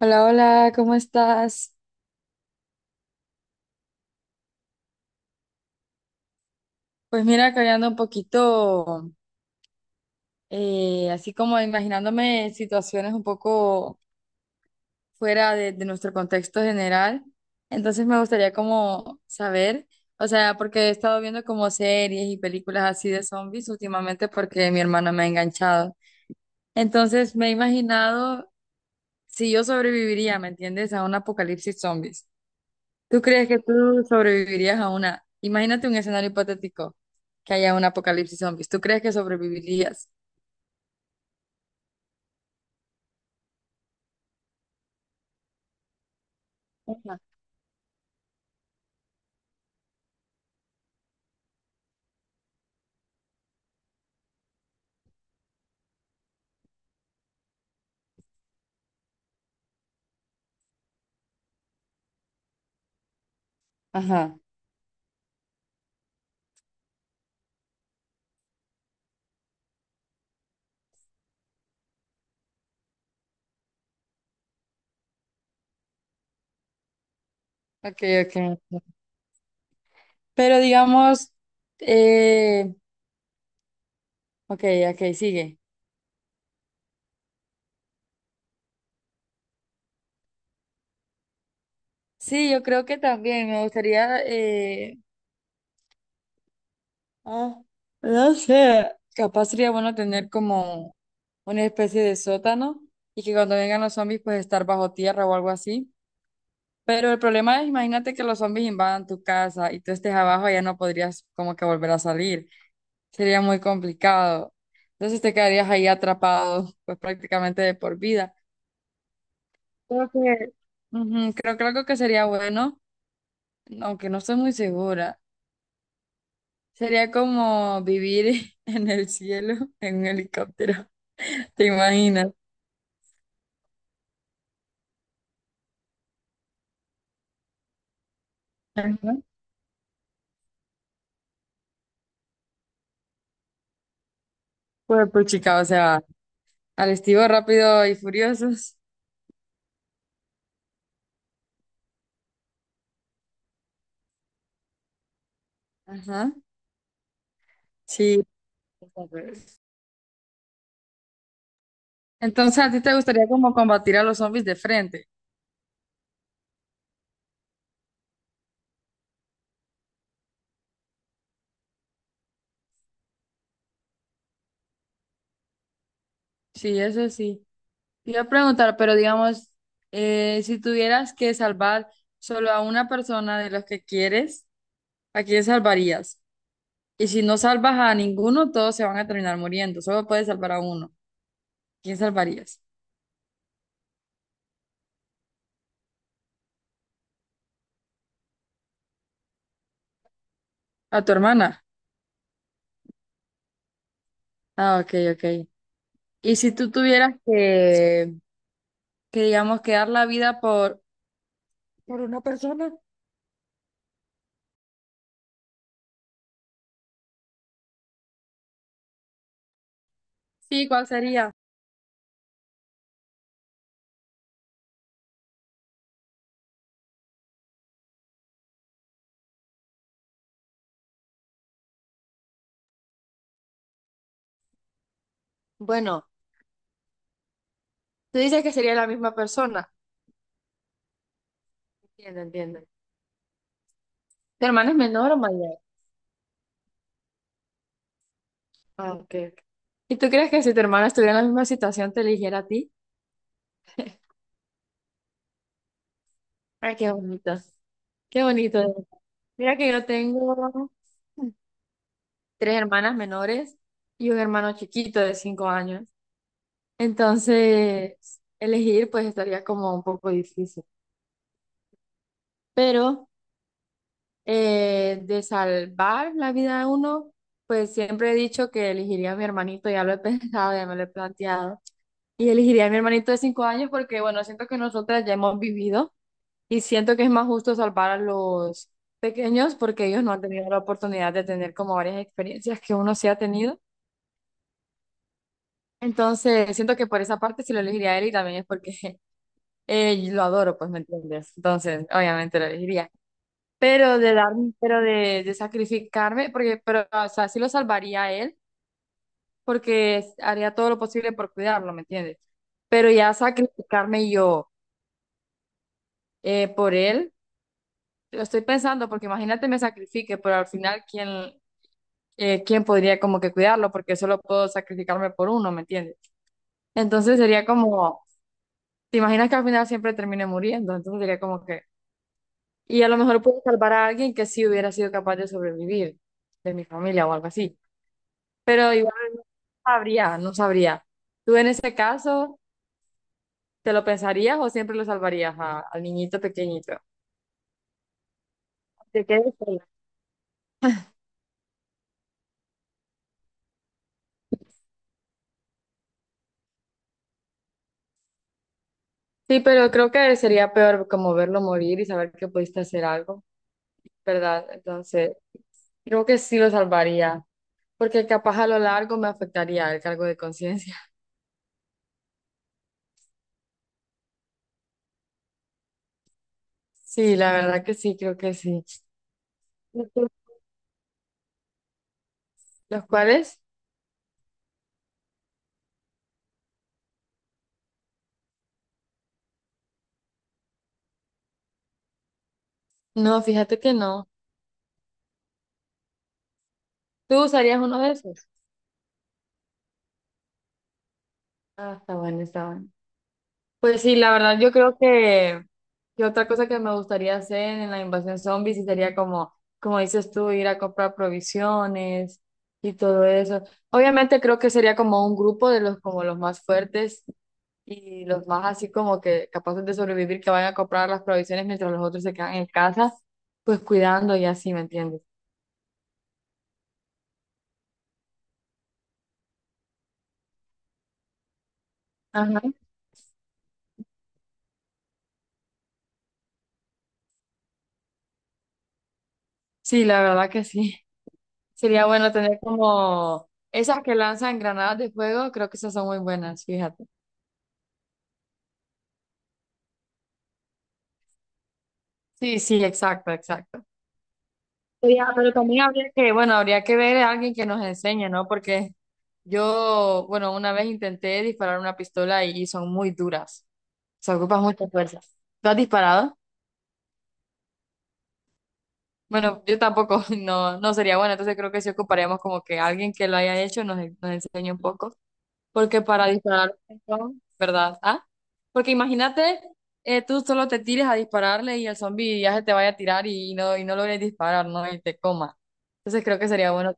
Hola, hola, ¿cómo estás? Pues mira, que hoy ando un poquito, así como imaginándome situaciones un poco fuera de nuestro contexto general. Entonces me gustaría como saber, o sea, porque he estado viendo como series y películas así de zombies últimamente porque mi hermana me ha enganchado. Entonces me he imaginado si yo sobreviviría, ¿me entiendes? A un apocalipsis zombies. ¿Tú crees que tú sobrevivirías a una? Imagínate un escenario hipotético, que haya un apocalipsis zombies. ¿Tú crees que sobrevivirías? Ajá. Ajá. Ok, ok. Pero digamos, eh, ok, ok, sigue. Sí, yo creo que también me gustaría, ah, no sé, capaz sería bueno tener como una especie de sótano y que cuando vengan los zombies pues estar bajo tierra o algo así. Pero el problema es, imagínate que los zombies invadan tu casa y tú estés abajo, ya no podrías como que volver a salir. Sería muy complicado. Entonces te quedarías ahí atrapado, pues prácticamente de por vida. Creo que, ujú, creo que algo que sería bueno, aunque no estoy muy segura, sería como vivir en el cielo en un helicóptero. ¿Te imaginas? Ajá. Pues chica, o sea, al estilo rápido y furiosos. Ajá. Sí. Entonces, ¿a ti te gustaría como combatir a los zombies de frente? Sí, eso sí. Te iba a preguntar, pero digamos, si tuvieras que salvar solo a una persona de los que quieres, ¿a quién salvarías? Y si no salvas a ninguno, todos se van a terminar muriendo. Solo puedes salvar a uno. ¿Quién salvarías? ¿A tu hermana? Ah, ok, ok. Y si tú tuvieras que digamos, que dar la vida por... ¿Por una persona? Sí, ¿cuál sería? Bueno, tú dices que sería la misma persona. Entiendo, entiendo. ¿Tu hermano es menor o mayor? Ah, ok. Ok. ¿Y tú crees que si tu hermano estuviera en la misma situación te eligiera a ti? Ay, qué bonito. Qué bonito, de verdad. Mira que yo tengo tres hermanas menores y un hermano chiquito de 5 años. Entonces, elegir pues estaría como un poco difícil. Pero de salvar la vida de uno, pues siempre he dicho que elegiría a mi hermanito, ya lo he pensado, ya me lo he planteado. Y elegiría a mi hermanito de 5 años porque, bueno, siento que nosotras ya hemos vivido y siento que es más justo salvar a los pequeños porque ellos no han tenido la oportunidad de tener como varias experiencias que uno sí ha tenido. Entonces, siento que por esa parte sí lo elegiría a él y también es porque lo adoro, pues, ¿me entiendes? Entonces, obviamente lo elegiría. Pero de dar, pero de sacrificarme, porque, pero, o sea, sí lo salvaría a él porque haría todo lo posible por cuidarlo, ¿me entiendes? Pero ya sacrificarme yo por él. Lo estoy pensando porque imagínate me sacrifique, pero al final, ¿quién, quién podría como que cuidarlo? Porque solo puedo sacrificarme por uno, ¿me entiendes? Entonces sería como, ¿te imaginas que al final siempre termine muriendo? Entonces sería como que, y a lo mejor puedo salvar a alguien que sí hubiera sido capaz de sobrevivir, de mi familia o algo así. Pero igual no sabría, no sabría. ¿Tú en ese caso te lo pensarías o siempre lo salvarías al niñito pequeñito? Te quedas sola. Sí, pero creo que sería peor como verlo morir y saber que pudiste hacer algo, ¿verdad? Entonces, creo que sí lo salvaría, porque capaz a lo largo me afectaría el cargo de conciencia. Sí, la verdad que sí, creo que sí. ¿Y tú? ¿Los cuales? No, fíjate que no. ¿Tú usarías uno de esos? Ah, está bueno, está bueno. Pues sí, la verdad, yo creo que otra cosa que me gustaría hacer en la invasión zombie sí sería como, como dices tú, ir a comprar provisiones y todo eso. Obviamente creo que sería como un grupo de los, como los más fuertes y los más así como que capaces de sobrevivir, que vayan a comprar las provisiones mientras los otros se quedan en casa, pues cuidando y así, ¿me entiendes? Ajá. Sí, la verdad que sí. Sería bueno tener como esas que lanzan granadas de fuego, creo que esas son muy buenas, fíjate. Sí, sí, exacto, exacto. Sería- Pero también habría que, bueno, habría que ver a alguien que nos enseñe, ¿no? Porque yo, bueno, una vez intenté disparar una pistola y son muy duras. Se ocupa mucha fuerza. ¿Tú has disparado? Bueno, yo tampoco, no, no sería bueno, entonces creo que sí ocuparíamos como que alguien que lo haya hecho nos, nos enseñe un poco, porque para disparar un montón, ¿verdad? Ah, porque imagínate, tú solo te tires a dispararle y el zombie ya se te vaya a tirar y no logres disparar, ¿no? Y te coma. Entonces creo que sería bueno,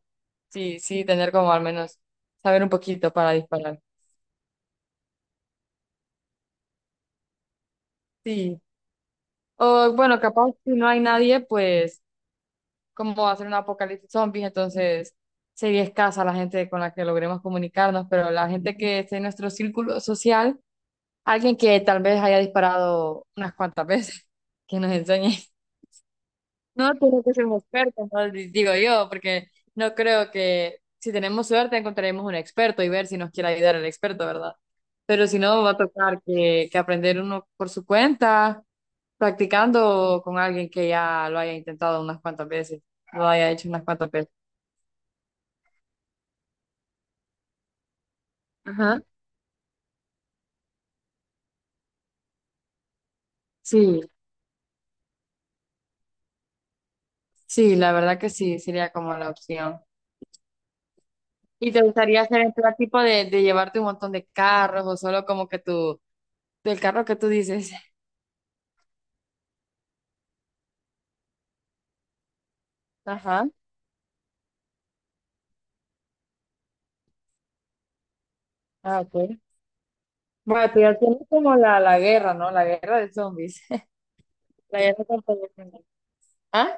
sí, sí, tener como al menos saber un poquito para disparar. Sí. O bueno, capaz si no hay nadie, pues como va a ser un apocalipsis zombies, entonces sería escasa la gente con la que logremos comunicarnos, pero la gente que esté en nuestro círculo social, alguien que tal vez haya disparado unas cuantas veces, que nos enseñe. No tiene que ser un experto, ¿no? Digo yo, porque no creo que si tenemos suerte encontraremos un experto y ver si nos quiere ayudar el experto, ¿verdad? Pero si no, va a tocar que aprender uno por su cuenta, practicando con alguien que ya lo haya intentado unas cuantas veces, lo haya hecho unas cuantas veces. Ajá. Sí, sí, la verdad que sí, sería como la opción. ¿Y te gustaría hacer el plan tipo de llevarte un montón de carros o solo como que tu el carro que tú dices? Ajá. Ah, ok. Bueno, tú ya tienes como la guerra, ¿no? La guerra de zombies. La guerra contra los zombies. Ah,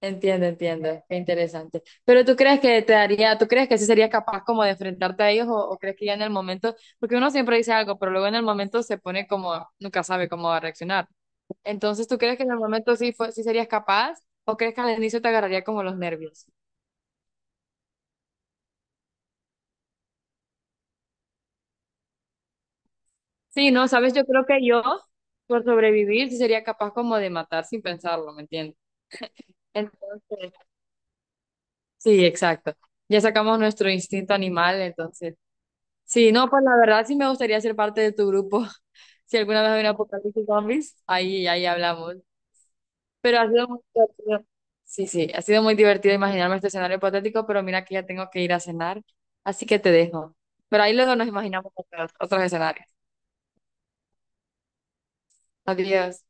entiendo, entiendo. Qué interesante. Pero tú crees que te daría, tú crees que sí serías capaz como de enfrentarte a ellos o crees que ya en el momento, porque uno siempre dice algo, pero luego en el momento se pone como, nunca sabe cómo va a reaccionar. Entonces, ¿tú crees que en el momento sí, fue, sí serías capaz o crees que al inicio te agarraría como los nervios? Sí, no, sabes, yo creo que yo, por sobrevivir, sí sería capaz como de matar sin pensarlo, ¿me entiendes? Entonces, sí, exacto. Ya sacamos nuestro instinto animal, entonces. Sí, no, pues la verdad sí me gustaría ser parte de tu grupo. Si alguna vez hay un apocalipsis zombies, ahí, ahí hablamos. Pero ha sido muy divertido. Sí, sí, ha sido muy divertido imaginarme este escenario hipotético, pero mira que ya tengo que ir a cenar, así que te dejo. Pero ahí luego nos imaginamos otros, otros escenarios. Adiós.